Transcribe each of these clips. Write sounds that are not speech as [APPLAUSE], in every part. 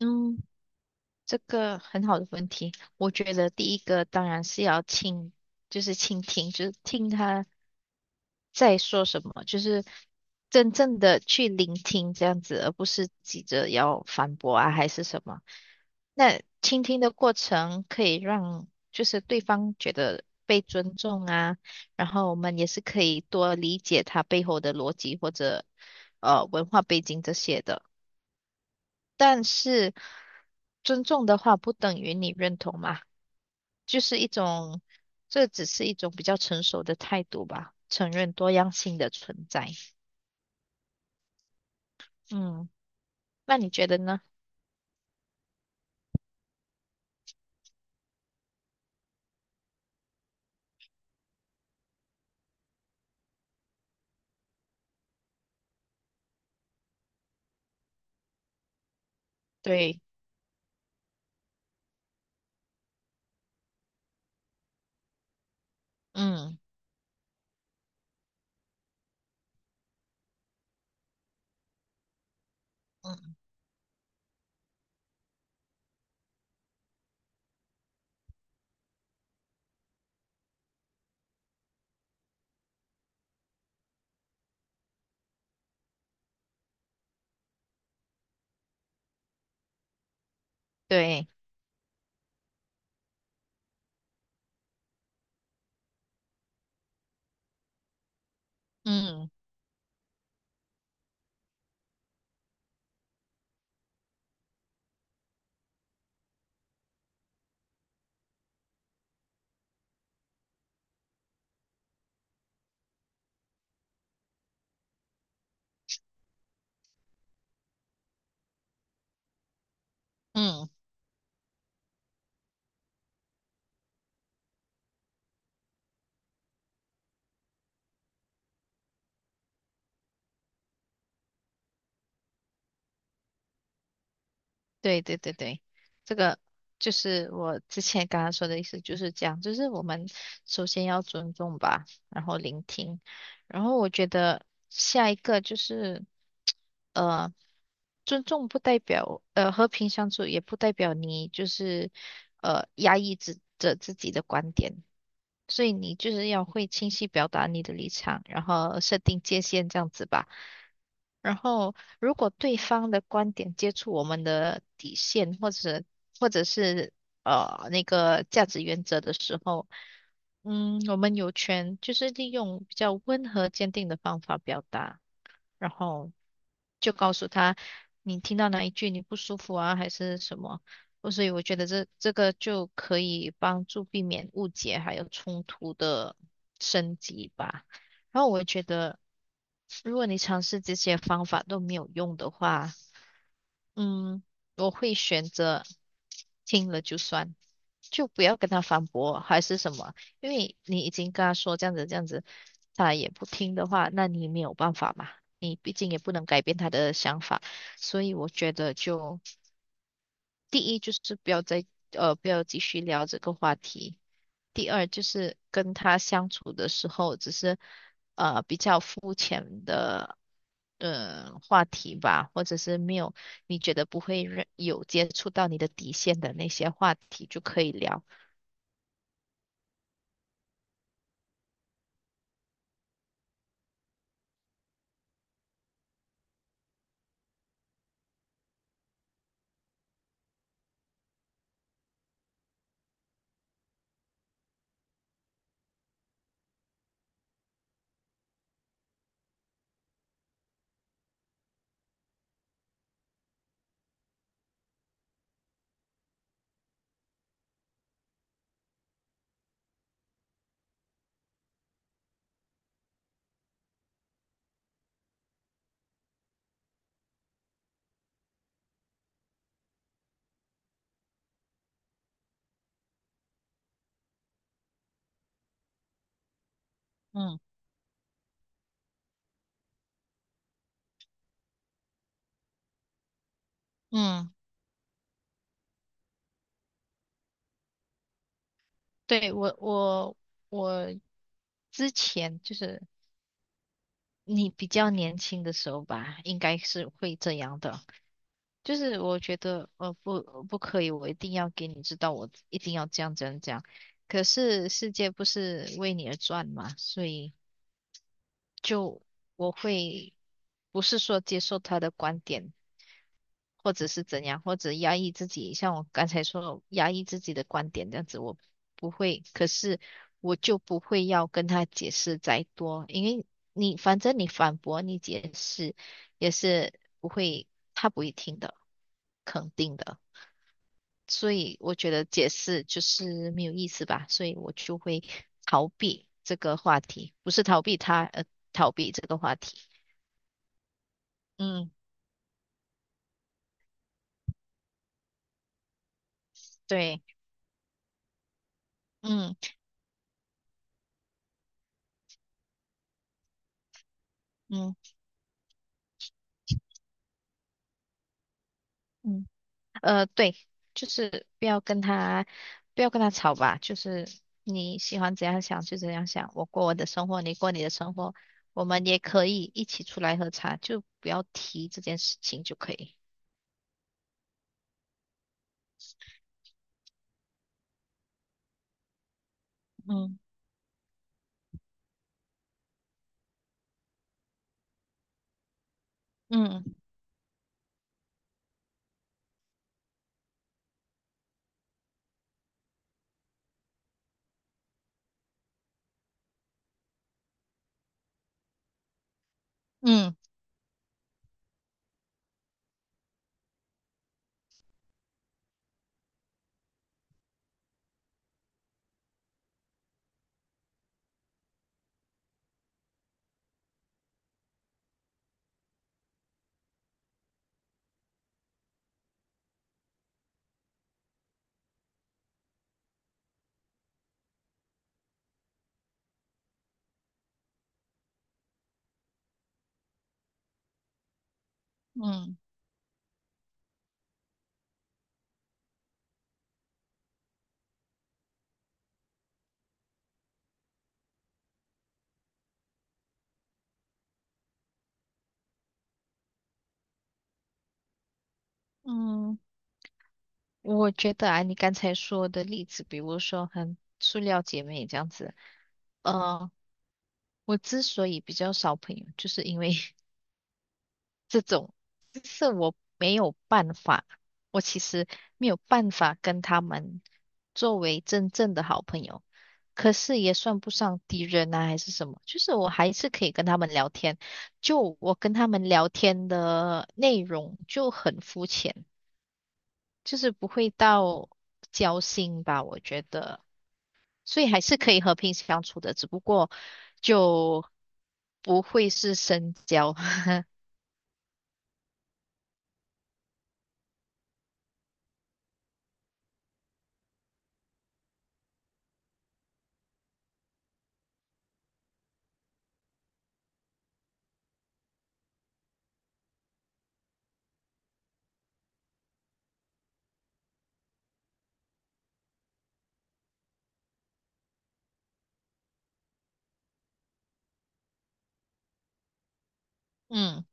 嗯，这个很好的问题。我觉得第一个当然是就是倾听，就是听他在说什么，就是真正的去聆听这样子，而不是急着要反驳啊，还是什么。那倾听的过程可以让就是对方觉得被尊重啊，然后我们也是可以多理解他背后的逻辑或者文化背景这些的。但是尊重的话，不等于你认同嘛，就是一种，这只是一种比较成熟的态度吧，承认多样性的存在。嗯，那你觉得呢？对，嗯嗯，对，嗯嗯。对对对对，这个就是我之前刚刚说的意思，就是这样，就是我们首先要尊重吧，然后聆听，然后我觉得下一个就是，呃，尊重不代表，和平相处也不代表你就是，压抑自己的观点，所以你就是要会清晰表达你的立场，然后设定界限这样子吧。然后，如果对方的观点接触我们的底线，或者是那个价值原则的时候，我们有权就是利用比较温和坚定的方法表达。然后就告诉他你听到哪一句你不舒服啊，还是什么。哦，所以我觉得这个就可以帮助避免误解还有冲突的升级吧。然后我觉得，如果你尝试这些方法都没有用的话，嗯，我会选择听了就算，就不要跟他反驳，还是什么？因为你已经跟他说这样子这样子，他也不听的话，那你没有办法嘛，你毕竟也不能改变他的想法，所以我觉得就。第一就是不要继续聊这个话题。第二就是跟他相处的时候，只是比较肤浅的话题吧，或者是没有你觉得不会让有接触到你的底线的那些话题就可以聊。嗯嗯，对，我之前就是你比较年轻的时候吧，应该是会这样的。就是我觉得不可以，我一定要给你知道，我一定要这样这样这样。可是世界不是为你而转嘛，所以就我会不是说接受他的观点，或者是怎样，或者压抑自己，像我刚才说压抑自己的观点这样子，我不会。可是我就不会要跟他解释再多，因为反正你反驳你解释也是不会，他不会听的。肯定的，所以我觉得解释就是没有意思吧，所以我就会逃避这个话题，不是逃避他，逃避这个话题。嗯，对，嗯嗯嗯，对，就是不要跟他吵吧，就是你喜欢怎样想就怎样想，我过我的生活，你过你的生活，我们也可以一起出来喝茶，就不要提这件事情就可以。嗯嗯嗯嗯嗯。我觉得啊，你刚才说的例子，比如说很塑料姐妹这样子，呃，我之所以比较少朋友，就是因为 [LAUGHS] 这种，就是我没有办法，我其实没有办法跟他们作为真正的好朋友，可是也算不上敌人啊，还是什么，就是我还是可以跟他们聊天，就我跟他们聊天的内容就很肤浅，就是不会到交心吧，我觉得。所以还是可以和平相处的，只不过就不会是深交。[LAUGHS] 嗯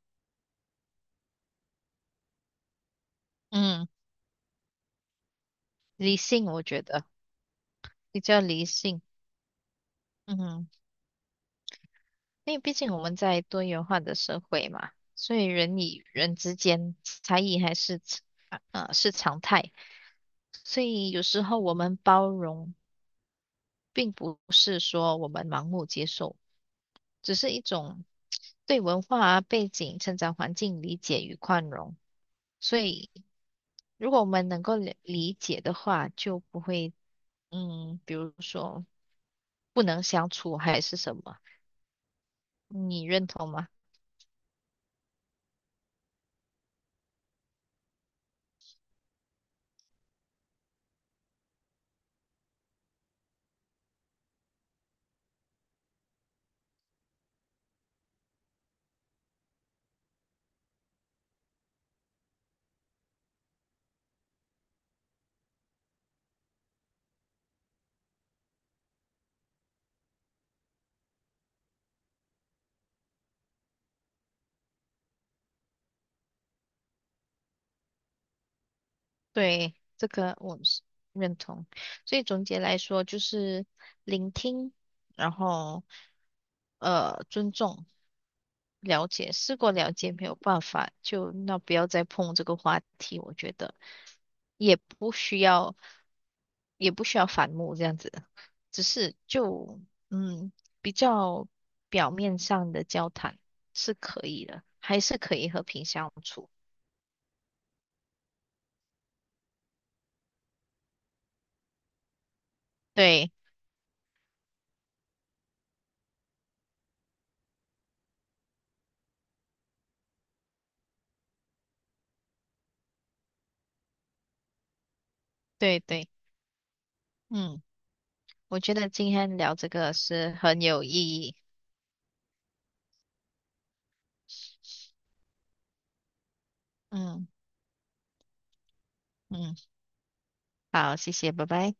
嗯，理性我觉得比较理性。嗯，因为毕竟我们在多元化的社会嘛，所以人与人之间差异还是是常态，所以有时候我们包容，并不是说我们盲目接受，只是一种对文化啊背景、成长环境理解与宽容。所以。如果我们能够理解的话，就不会，比如说不能相处还是什么，你认同吗？对，这个我是认同。所以总结来说，就是聆听，然后尊重。了解，试过了解，没有办法，就那不要再碰这个话题，我觉得也不需要，也不需要反目这样子，只是就嗯比较表面上的交谈是可以的，还是可以和平相处。对对对，嗯，我觉得今天聊这个是很有意义。嗯嗯，好，谢谢，拜拜。